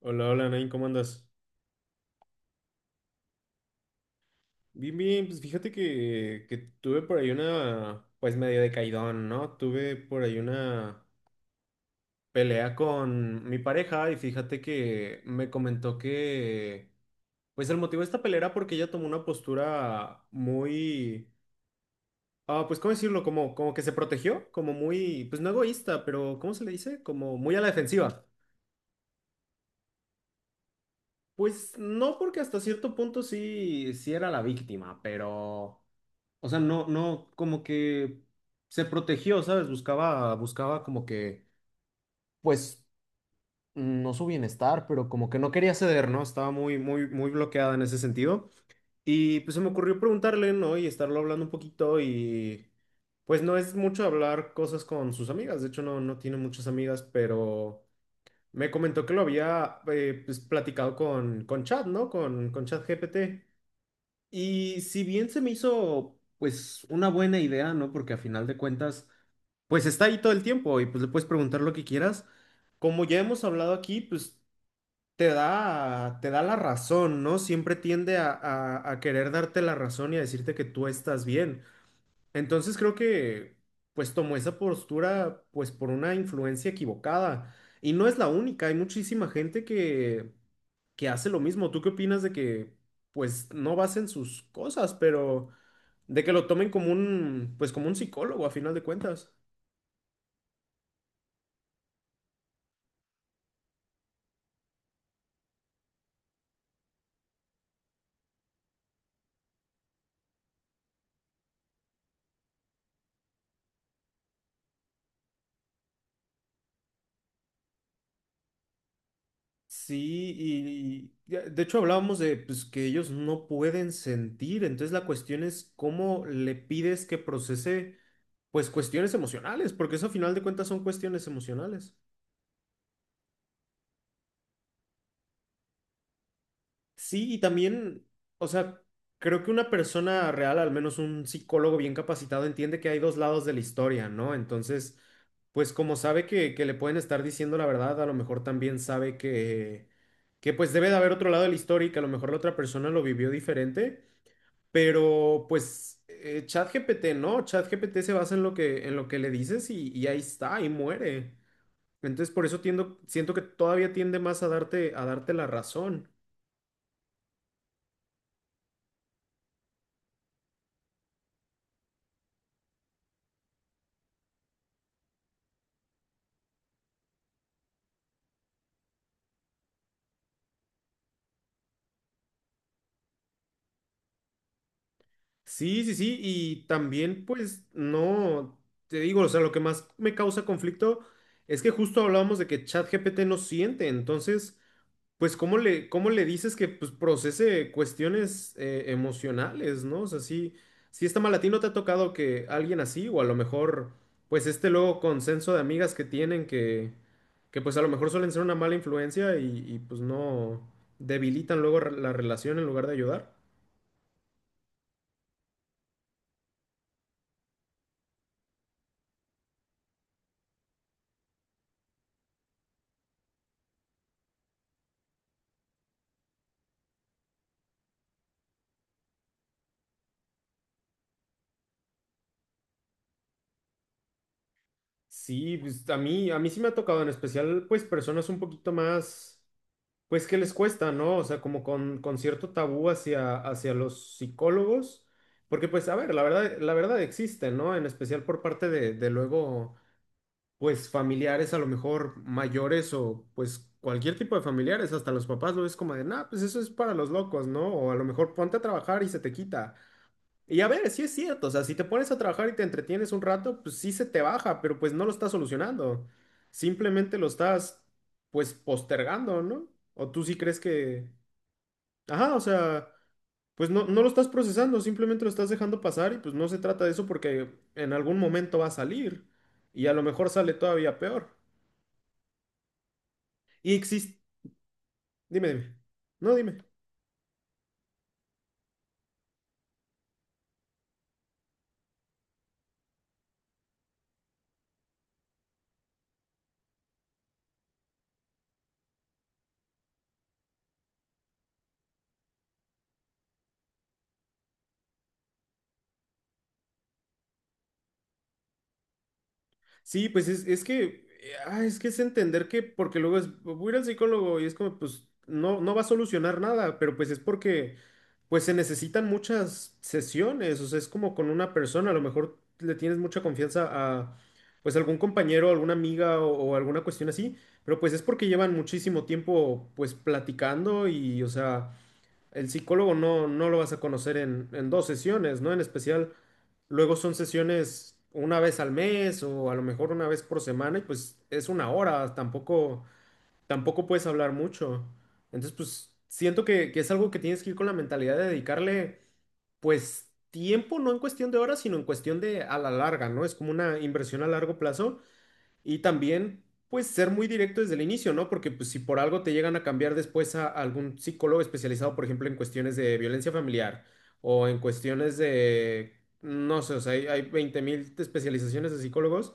Hola, hola, Nain, ¿cómo andas? Bien, bien, pues fíjate que tuve por ahí una, pues medio de ¿no? Tuve por ahí una pelea con mi pareja y fíjate que me comentó que, pues el motivo de esta pelea era porque ella tomó una postura muy, pues ¿cómo decirlo? Como que se protegió, como muy, pues no egoísta, pero ¿cómo se le dice? Como muy a la defensiva. Pues no, porque hasta cierto punto sí, sí era la víctima, pero... O sea, no, no, como que se protegió, ¿sabes? Buscaba, buscaba como que, pues, no su bienestar, pero como que no quería ceder, ¿no? Estaba muy, muy, muy bloqueada en ese sentido. Y pues se me ocurrió preguntarle, ¿no? Y estarlo hablando un poquito y, pues, no es mucho hablar cosas con sus amigas. De hecho, no, no tiene muchas amigas, pero me comentó que lo había, pues, platicado con Chat, ¿no? Con ChatGPT. Y si bien se me hizo, pues, una buena idea, ¿no? Porque a final de cuentas, pues está ahí todo el tiempo y pues le puedes preguntar lo que quieras. Como ya hemos hablado aquí, pues te da la razón, ¿no? Siempre tiende a querer darte la razón y a decirte que tú estás bien. Entonces creo que, pues, tomó esa postura, pues, por una influencia equivocada. Y no es la única, hay muchísima gente que hace lo mismo. ¿Tú qué opinas de que, pues, no basen sus cosas, pero... De que lo tomen como un, pues como un psicólogo a final de cuentas? Sí, de hecho hablábamos de pues, que ellos no pueden sentir, entonces la cuestión es cómo le pides que procese pues cuestiones emocionales, porque eso a final de cuentas son cuestiones emocionales. Sí, y también, o sea, creo que una persona real, al menos un psicólogo bien capacitado, entiende que hay dos lados de la historia, ¿no? Entonces, pues como sabe que le pueden estar diciendo la verdad, a lo mejor también sabe que pues debe de haber otro lado de la historia y que a lo mejor la otra persona lo vivió diferente, pero pues ChatGPT, ¿no? ChatGPT se basa en lo que le dices y ahí está, y muere. Entonces, por eso siento que todavía tiende más a darte la razón. Sí, sí, sí, y también pues no, te digo, o sea, lo que más me causa conflicto es que justo hablábamos de que ChatGPT no siente, entonces, pues ¿cómo le dices que pues procese cuestiones emocionales? ¿No? O sea, sí, sí está mal, a ti no te ha tocado que alguien así, o a lo mejor pues este luego consenso de amigas que tienen que pues a lo mejor suelen ser una mala influencia y pues no debilitan luego la relación en lugar de ayudar. Sí, pues a mí sí me ha tocado, en especial, pues personas un poquito más, pues que les cuesta, ¿no? O sea, como con cierto tabú hacia los psicólogos, porque pues, a ver, la verdad existe, ¿no? En especial por parte de luego, pues familiares a lo mejor mayores o pues cualquier tipo de familiares, hasta los papás lo ves como de, nah, pues eso es para los locos, ¿no? O a lo mejor ponte a trabajar y se te quita. Y a ver, sí es cierto, o sea, si te pones a trabajar y te entretienes un rato, pues sí se te baja, pero pues no lo estás solucionando. Simplemente lo estás, pues, postergando, ¿no? O tú sí crees que... Ajá, o sea, pues no, no lo estás procesando, simplemente lo estás dejando pasar y pues no se trata de eso porque en algún momento va a salir y a lo mejor sale todavía peor. Y existe... Dime, dime. No, dime. Sí, pues es que es entender que, porque luego es, voy a ir al psicólogo y es como, pues, no, no va a solucionar nada, pero pues es porque, pues se necesitan muchas sesiones, o sea, es como con una persona, a lo mejor le tienes mucha confianza a, pues, algún compañero, alguna amiga o alguna cuestión así, pero pues es porque llevan muchísimo tiempo, pues, platicando y, o sea... El psicólogo no lo vas a conocer en dos sesiones, ¿no? En especial, luego son sesiones una vez al mes o a lo mejor una vez por semana y pues es una hora, tampoco, tampoco puedes hablar mucho. Entonces, pues siento que es algo que tienes que ir con la mentalidad de dedicarle, pues, tiempo, no en cuestión de horas, sino en cuestión de a la larga, ¿no? Es como una inversión a largo plazo y también, pues, ser muy directo desde el inicio, ¿no? Porque pues, si por algo te llegan a cambiar después a algún psicólogo especializado, por ejemplo, en cuestiones de violencia familiar o en cuestiones de, no sé, o sea, hay 20.000 especializaciones de psicólogos,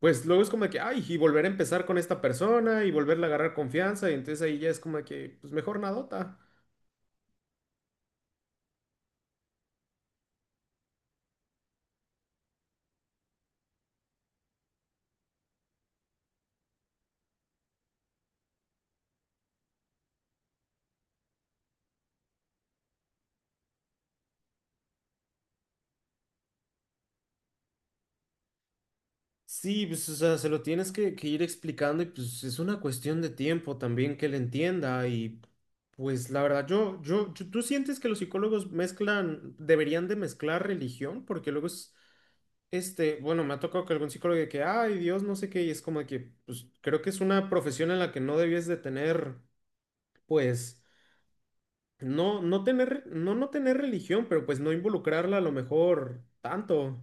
pues luego es como de que, ay, y volver a empezar con esta persona y volverle a agarrar confianza, y entonces ahí ya es como de que, pues, mejor nadota. Sí, pues, o sea, se lo tienes que ir explicando y pues es una cuestión de tiempo también que él entienda y pues la verdad, ¿tú sientes que los psicólogos deberían de mezclar religión? Porque luego es, este, bueno, me ha tocado que algún psicólogo de que, ay, Dios, no sé qué, y es como de que, pues creo que es una profesión en la que no debías de tener, pues, no tener religión, pero pues no involucrarla a lo mejor tanto.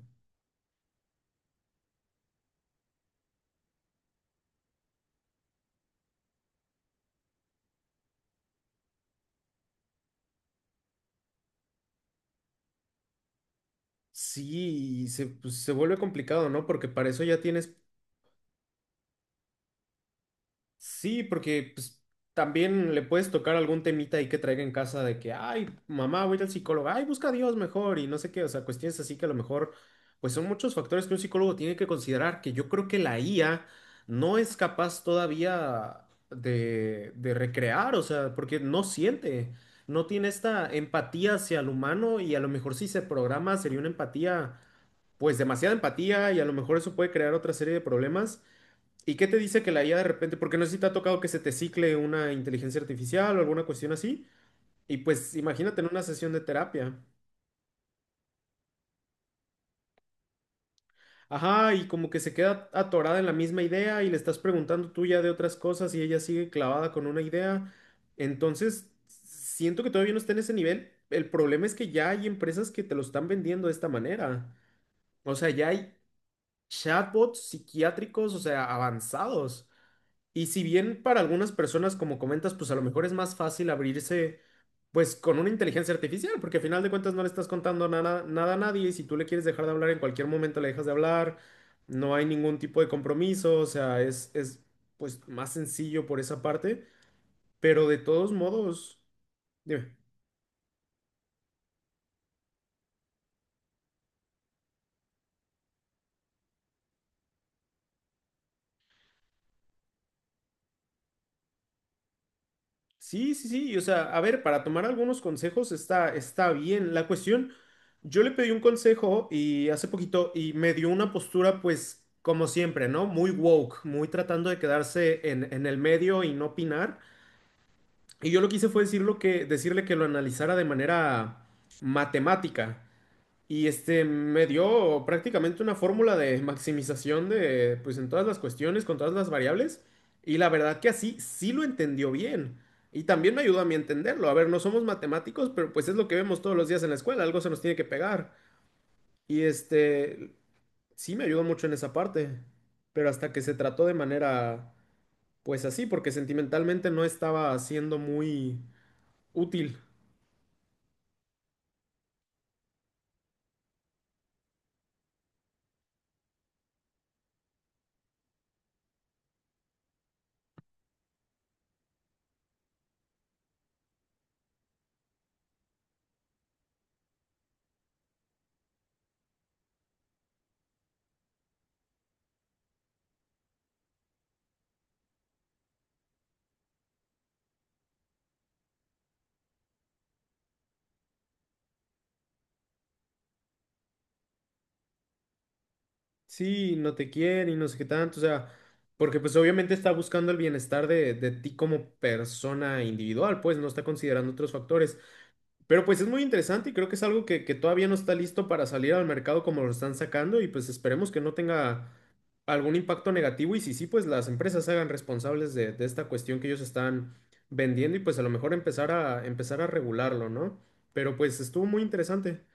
Sí, y pues, se vuelve complicado, ¿no? Porque para eso ya tienes. Sí, porque pues, también le puedes tocar algún temita ahí que traiga en casa de que, ay, mamá, voy a ir al psicólogo, ay, busca a Dios mejor y no sé qué, o sea, cuestiones así que a lo mejor, pues son muchos factores que un psicólogo tiene que considerar, que yo creo que la IA no es capaz todavía de recrear, o sea, porque no siente, no tiene esta empatía hacia el humano y a lo mejor si se programa sería una empatía, pues demasiada empatía y a lo mejor eso puede crear otra serie de problemas. ¿Y qué te dice que la IA de repente, porque no sé si te ha tocado que se te cicle una inteligencia artificial o alguna cuestión así, y pues imagínate en una sesión de terapia? Ajá, y como que se queda atorada en la misma idea y le estás preguntando tú ya de otras cosas y ella sigue clavada con una idea. Entonces, siento que todavía no está en ese nivel. El problema es que ya hay empresas que te lo están vendiendo de esta manera. O sea, ya hay chatbots psiquiátricos, o sea, avanzados. Y si bien para algunas personas, como comentas, pues a lo mejor es más fácil abrirse pues con una inteligencia artificial, porque al final de cuentas no le estás contando nada, nada a nadie y si tú le quieres dejar de hablar en cualquier momento le dejas de hablar, no hay ningún tipo de compromiso, o sea, es pues más sencillo por esa parte, pero de todos modos, dime. Sí, sí, sí, o sea, a ver, para tomar algunos consejos está bien. La cuestión, yo le pedí un consejo y hace poquito y me dio una postura pues como siempre, ¿no? Muy woke, muy tratando de quedarse en el medio y no opinar. Y yo lo que hice fue decirle que lo analizara de manera matemática. Y este me dio prácticamente una fórmula de maximización de, pues en todas las cuestiones, con todas las variables. Y la verdad que así sí lo entendió bien. Y también me ayudó a mí a entenderlo. A ver, no somos matemáticos, pero pues es lo que vemos todos los días en la escuela. Algo se nos tiene que pegar. Y este sí me ayudó mucho en esa parte. Pero hasta que se trató de manera, pues así, porque sentimentalmente no estaba siendo muy útil. Sí, no te quiere y no sé qué tanto, o sea, porque pues obviamente está buscando el bienestar de ti como persona individual, pues no está considerando otros factores. Pero pues es muy interesante y creo que es algo que todavía no está listo para salir al mercado como lo están sacando y pues esperemos que no tenga algún impacto negativo y si sí, pues las empresas se hagan responsables de esta cuestión que ellos están vendiendo y pues a lo mejor empezar a regularlo, ¿no? Pero pues estuvo muy interesante.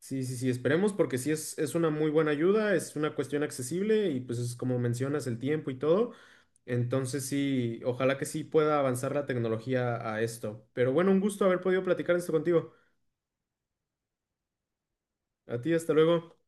Sí, sí, sí, esperemos porque sí es una muy buena ayuda, es una cuestión accesible y pues es como mencionas el tiempo y todo. Entonces sí, ojalá que sí pueda avanzar la tecnología a esto. Pero bueno, un gusto haber podido platicar esto contigo. A ti, hasta luego.